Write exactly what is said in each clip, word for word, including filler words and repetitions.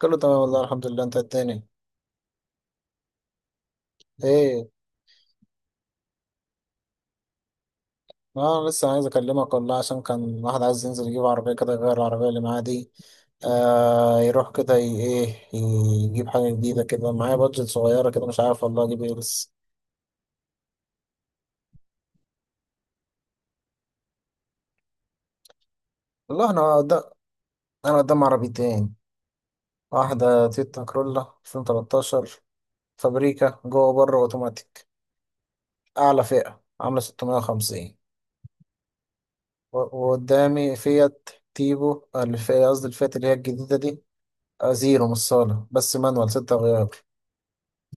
كله تمام والله الحمد لله، انت التاني. ايه. انا لسه عايز اكلمك والله عشان كان واحد عايز ينزل يجيب عربية كده يغير العربية اللي معاه دي. آه يروح كده، ي- ايه، يجيب حاجة جديدة كده معايا بادجت صغيرة كده، مش عارف والله اجيب ايه بس. والله انا قدام انا قدام عربيتين. واحدة تويوتا كرولا ألفين وتلتاشر، فابريكا جوه بره اوتوماتيك، اعلى فئة، عاملة ستمية وخمسين. و- وقدامي فيات تيبو، الفئة قصدي الفئة اللي هي الجديدة دي. آه، زيرو مش صالة، بس مانوال ستة غيار.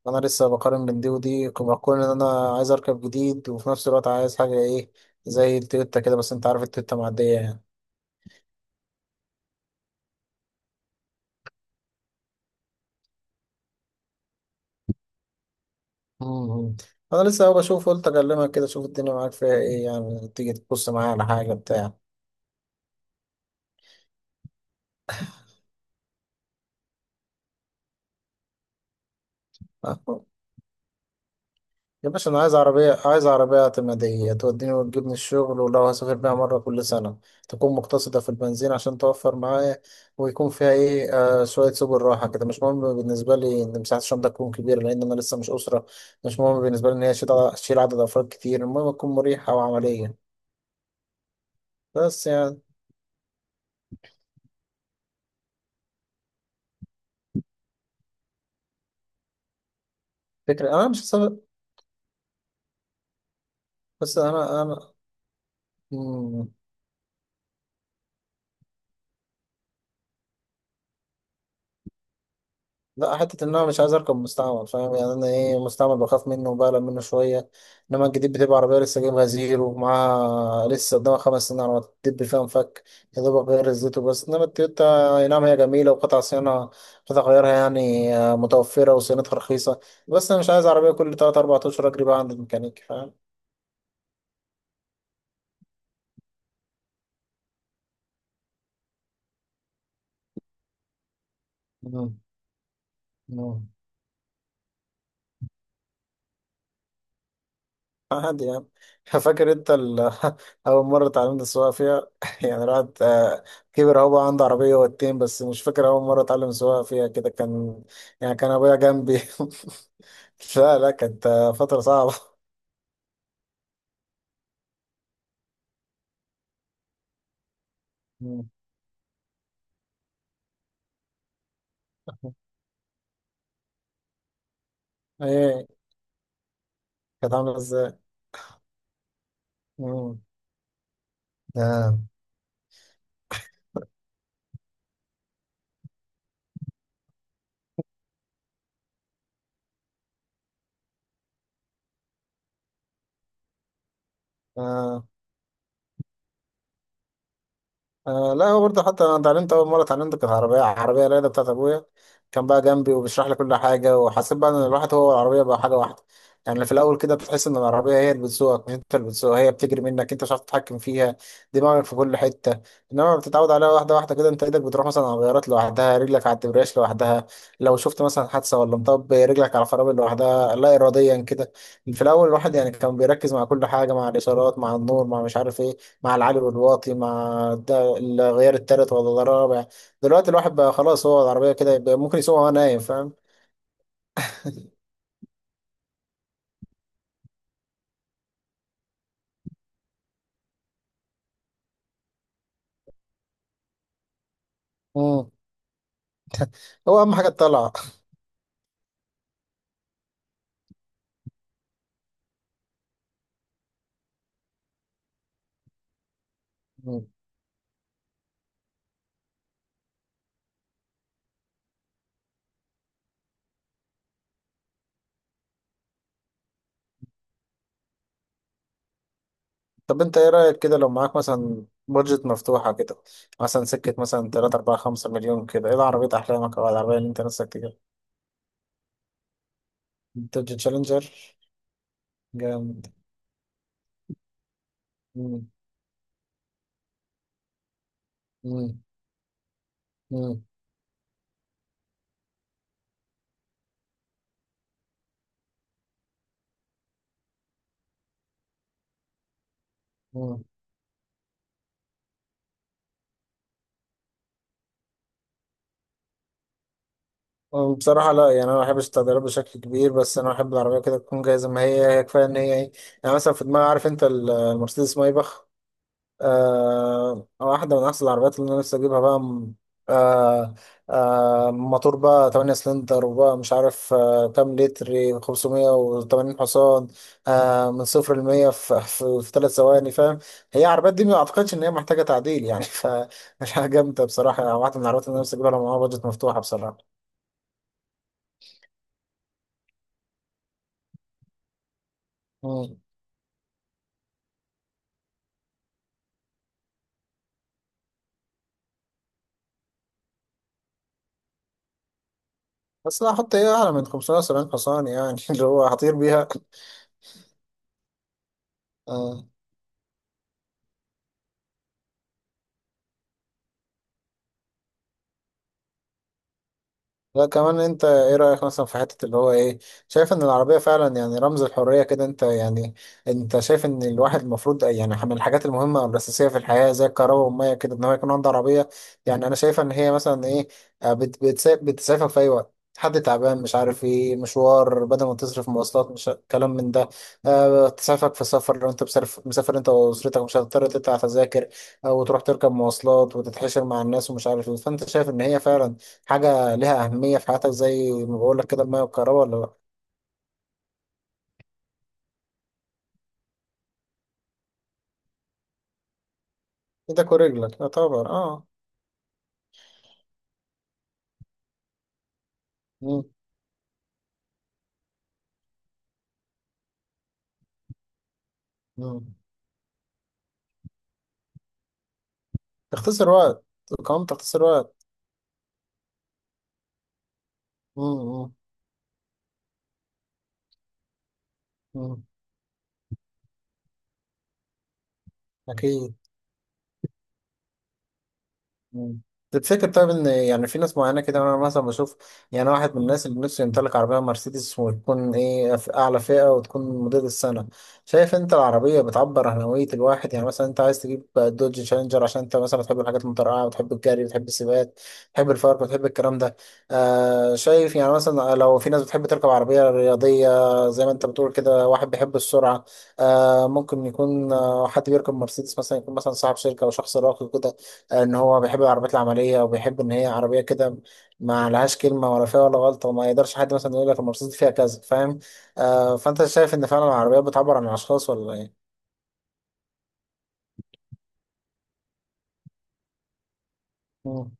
أنا لسه بقارن بين دي ودي، بقول إن أنا عايز أركب جديد وفي نفس الوقت عايز حاجة إيه، زي التويوتا كده. بس أنت عارف التويوتا معدية يعني. مم. أنا لسه أهو بشوف، قلت أكلمك كده أشوف الدنيا معاك فيها إيه، يعني تيجي تبص معايا على حاجة بتاع. يا باشا، انا عايز عربيه، عايز عربيه اعتماديه توديني وتجيبني الشغل، ولو هسافر بيها مره كل سنه تكون مقتصده في البنزين عشان توفر معايا، ويكون فيها ايه، آه شويه سبل راحه كده. مش مهم بالنسبه لي ان مساحه الشنطه تكون كبيره، لان انا لسه مش اسره. مش مهم بالنسبه لي ان هي شيل- تشيل عدد افراد كتير، المهم تكون مريحه وعمليه. بس يعني فكره انا مش هسافر. بس انا انا. مم. لا، حتة إن أنا مش عايز أركب مستعمل فاهم، يعني أنا إيه، مستعمل بخاف منه وبقلق منه شوية، إنما الجديد بتبقى عربية لسه جايبها زيرو ومعاها لسه قدامها خمس سنين على ما تدب فيها مفك، يا دوبك غير الزيت وبس. إنما التويوتا أي نعم هي جميلة وقطع صيانة، قطع غيارها يعني آه، متوفرة وصيانتها رخيصة، بس أنا مش عايز عربية كل تلات أربع أشهر أجري بقى عند الميكانيكي فاهم. مم. مم. عادي يعني فاكر انت ال- اول مره اتعلمت السواقه فيها. يعني الواحد آه، كبر اهو، بقى عنده عربيه واتنين، بس مش فاكر اول مره اتعلم السواقه فيها كده كان. يعني كان ابويا جنبي لا لا، كانت آه، فتره صعبه. مم. ايه. كانت عامله ازاي. مم. آه. آه. آه لا، هو برضه حتى انا اتعلمت، اول مره اتعلمت كانت عربيه، عربيه رايده بتاعت ابويا. كان بقى جنبي وبيشرح لي كل حاجه، وحسيت بقى ان الواحد هو العربيه بقى حاجه واحده. يعني في الاول كده بتحس ان العربيه هي اللي بتسوقك مش انت اللي بتسوقها، هي بتجري منك، انت مش عارف تتحكم فيها، دماغك في كل حته. انما بتتعود عليها واحده واحده كده، انت ايدك بتروح مثلا على الغيارات لوحدها، رجلك على الدبرياج لوحدها. لو شفت مثلا حادثه ولا مطب رجلك على الفرامل لوحدها، لا اراديا كده. في الاول الواحد يعني كان بيركز مع كل حاجه، مع الاشارات، مع النور، مع مش عارف ايه، مع العالي والواطي، مع لا غير التالت ولا الرابع. دلوقتي الواحد بقى خلاص، هو العربية كده، يبقى ممكن يسوقها وهو نايم فاهم. امم. هو أهم حاجة الطلعة. مم. طب أنت إيه رأيك كده لو معاك مثلا بادجت مفتوحة كده، مثلا سكة مثلا تلاتة أربعة خمسة مليون، كده إيه العربية أحلامك أو العربية اللي أنت نفسك تجيبها؟ تويوتا تشالنجر. جامد. مم. مم. مم. مم. بصراحة لا، يعني أنا ما بحبش التغييرات بشكل كبير، بس أنا بحب العربية كده تكون جاية زي ما هي، هي كفاية إن هي إيه، يعني مثلا في دماغي عارف أنت المرسيدس مايباخ. آه آه، واحدة من أحسن العربيات اللي أنا نفسي أجيبها بقى م- آه آه موتور بقى 8 سلندر، وبقى مش عارف آه كام لتر، خمسمائة وثمانين حصان، آه من صفر لمية في, في, في ثلاث ثواني فاهم. هي العربيات دي ما أعتقدش إن هي محتاجة تعديل يعني فمش حاجة جامدة بصراحة، يعني واحدة من العربيات اللي أنا نفسي أجيبها لو معاها بادجت مفتوحة بصراحة. مم. بس لا أحط إيه أعلى من خمسمائة وسبعين حصان يعني اللي هو هطير بيها. آه. لا كمان انت ايه رأيك مثلا في حتة اللي هو ايه، شايف ان العربية فعلا يعني رمز الحرية كده انت يعني، انت شايف ان الواحد المفروض يعني من الحاجات المهمة والأساسية في الحياة زي الكهرباء والمية كده ان هو يكون عنده عربية. يعني انا شايف ان هي مثلا ايه، آه، بت- بتسا- بتسافر في اي وقت، حد تعبان مش عارف ايه، مشوار بدل ما تصرف مواصلات، مش كلام من ده. أه، تسافرك في سفر، لو انت مسافر مسافر انت واسرتك مش هتضطر تدفع تذاكر او تروح تركب مواصلات وتتحشر مع الناس ومش عارف ايه. فانت شايف ان هي فعلا حاجة ليها أهمية في حياتك زي ما بقول لك كده، المية والكهرباء ولا لأ؟ إيدك ورجلك، لا طبعا أه. مم. مم. تختصر وقت. كمان تختصر وقت. مم. مم. مم. أكيد. مم. تفتكر طيب ان يعني في ناس معينه كده، انا مثلا بشوف يعني واحد من الناس اللي نفسه يمتلك عربيه مرسيدس وتكون ايه في اعلى فئه وتكون موديل السنه. شايف انت العربيه بتعبر عن هويه الواحد، يعني مثلا انت عايز تجيب دوج تشالنجر عشان انت مثلا بتحب الحاجات المترقعه، بتحب الجري، بتحب السباقات، بتحب الفرق، بتحب الكلام ده. آه شايف، يعني مثلا لو في ناس بتحب تركب عربيه رياضيه زي ما انت بتقول كده، واحد بيحب السرعه، آه ممكن يكون آه حد بيركب مرسيدس مثلا، يكون مثلا صاحب شركه او شخص راقي كده، ان هو بيحب العربيات العمليه وبيحب ان هي عربيه كده ما لهاش كلمه ولا فيها ولا غلطه، وما يقدرش حد مثلا يقول لك المرسيدس دي فيها كذا فاهم. آه فانت شايف ان فعلا العربيات بتعبر عن الاشخاص ولا ايه. مم،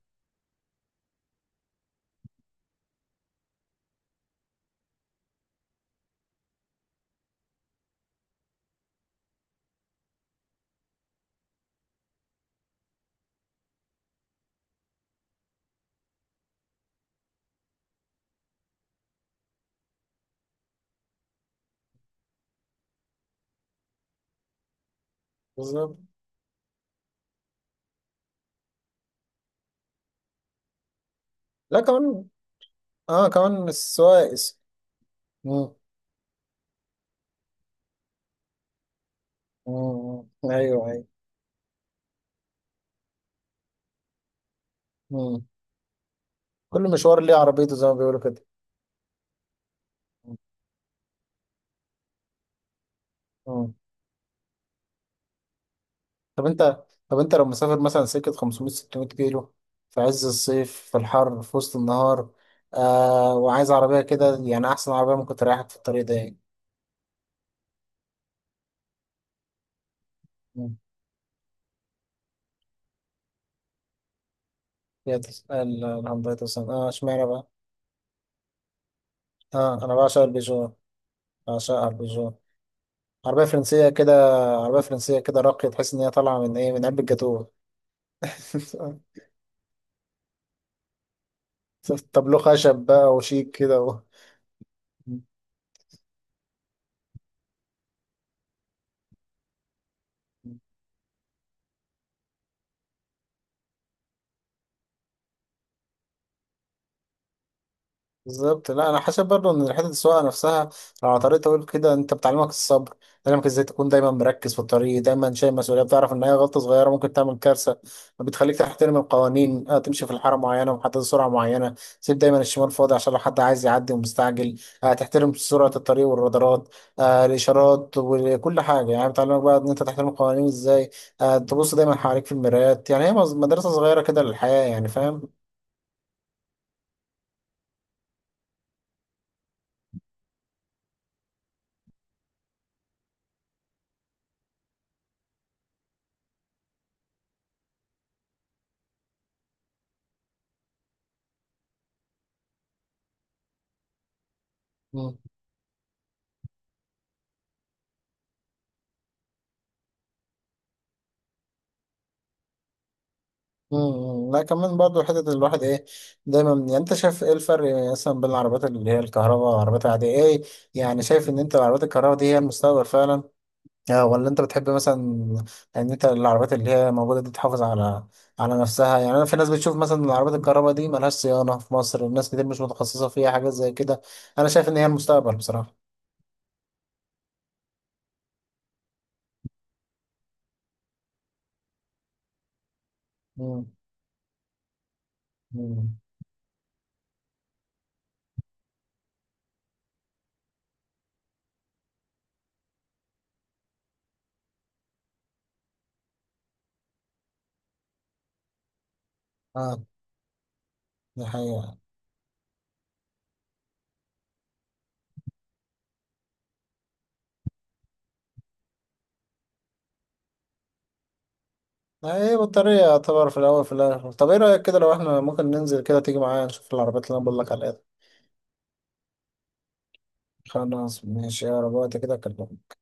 بالظبط. لا كمان، اه كمان السواق الس- مم، مم، ايوه ايوه. مم. كل مشوار ليه عربيته زي ما بيقولوا كده. مم. طب انت طب انت لو مسافر مثلا سكة خمسمائة ستمية كيلو في عز الصيف، في الحر، في وسط النهار، آه وعايز عربية كده، يعني أحسن عربية ممكن تريحك في الطريق ده يعني. مم. هي تسأل الهنداي توسان، اه اشمعنى بقى؟ اه، أنا بعشق البيجو. بعشقها البيجو. عربية فرنسية كده. عربية فرنسية كده راقية، تحس إن هي طالعة من إيه، من علبة جاتوه. طب له خشب بقى وشيك كده و. بالظبط. لا انا حاسب برضه ان حته السواقه نفسها لو على طريق طويل كده انت بتعلمك الصبر، بتعلمك ازاي تكون دايما مركز في الطريق، دايما شايل مسؤوليه، بتعرف ان اي غلطه صغيره ممكن تعمل كارثه، بتخليك تحترم القوانين. آه، تمشي في الحاره معينه ومحدد سرعه معينه، تسيب دايما الشمال فاضي عشان لو حد عايز يعدي ومستعجل، آه، تحترم سرعه الطريق والرادارات، آه، الاشارات وكل حاجه. يعني بتعلمك بقى ان انت تحترم القوانين ازاي، آه، تبص دايما حواليك في المرايات. يعني هي مز- مدرسه صغيره كده للحياه يعني فاهم. امم. لا كمان برضو حتة الواحد ايه، دايما يعني انت شايف ايه الفرق مثلا بين العربيات اللي هي الكهرباء والعربيات العادية ايه، يعني شايف ان انت العربيات الكهرباء دي هي المستقبل فعلا، آه، ولا انت بتحب مثلا ان انت العربيات اللي هي موجودة دي تحافظ على على نفسها، يعني انا في ناس بتشوف مثلا العربيات الكهرباء دي ملهاش صيانة في مصر، الناس كتير مش متخصصة فيها حاجات زي كده. انا شايف ان هي المستقبل بصراحة. امم. امم. اه. دي حقيقة. ما هي بطارية يعتبر في الأول في الآخر. طب إيه رأيك كده لو إحنا ممكن ننزل كده تيجي معايا نشوف العربيات اللي أنا بقول لك عليها دي؟ خلاص ماشي، يا رب وقت كده أكلمك.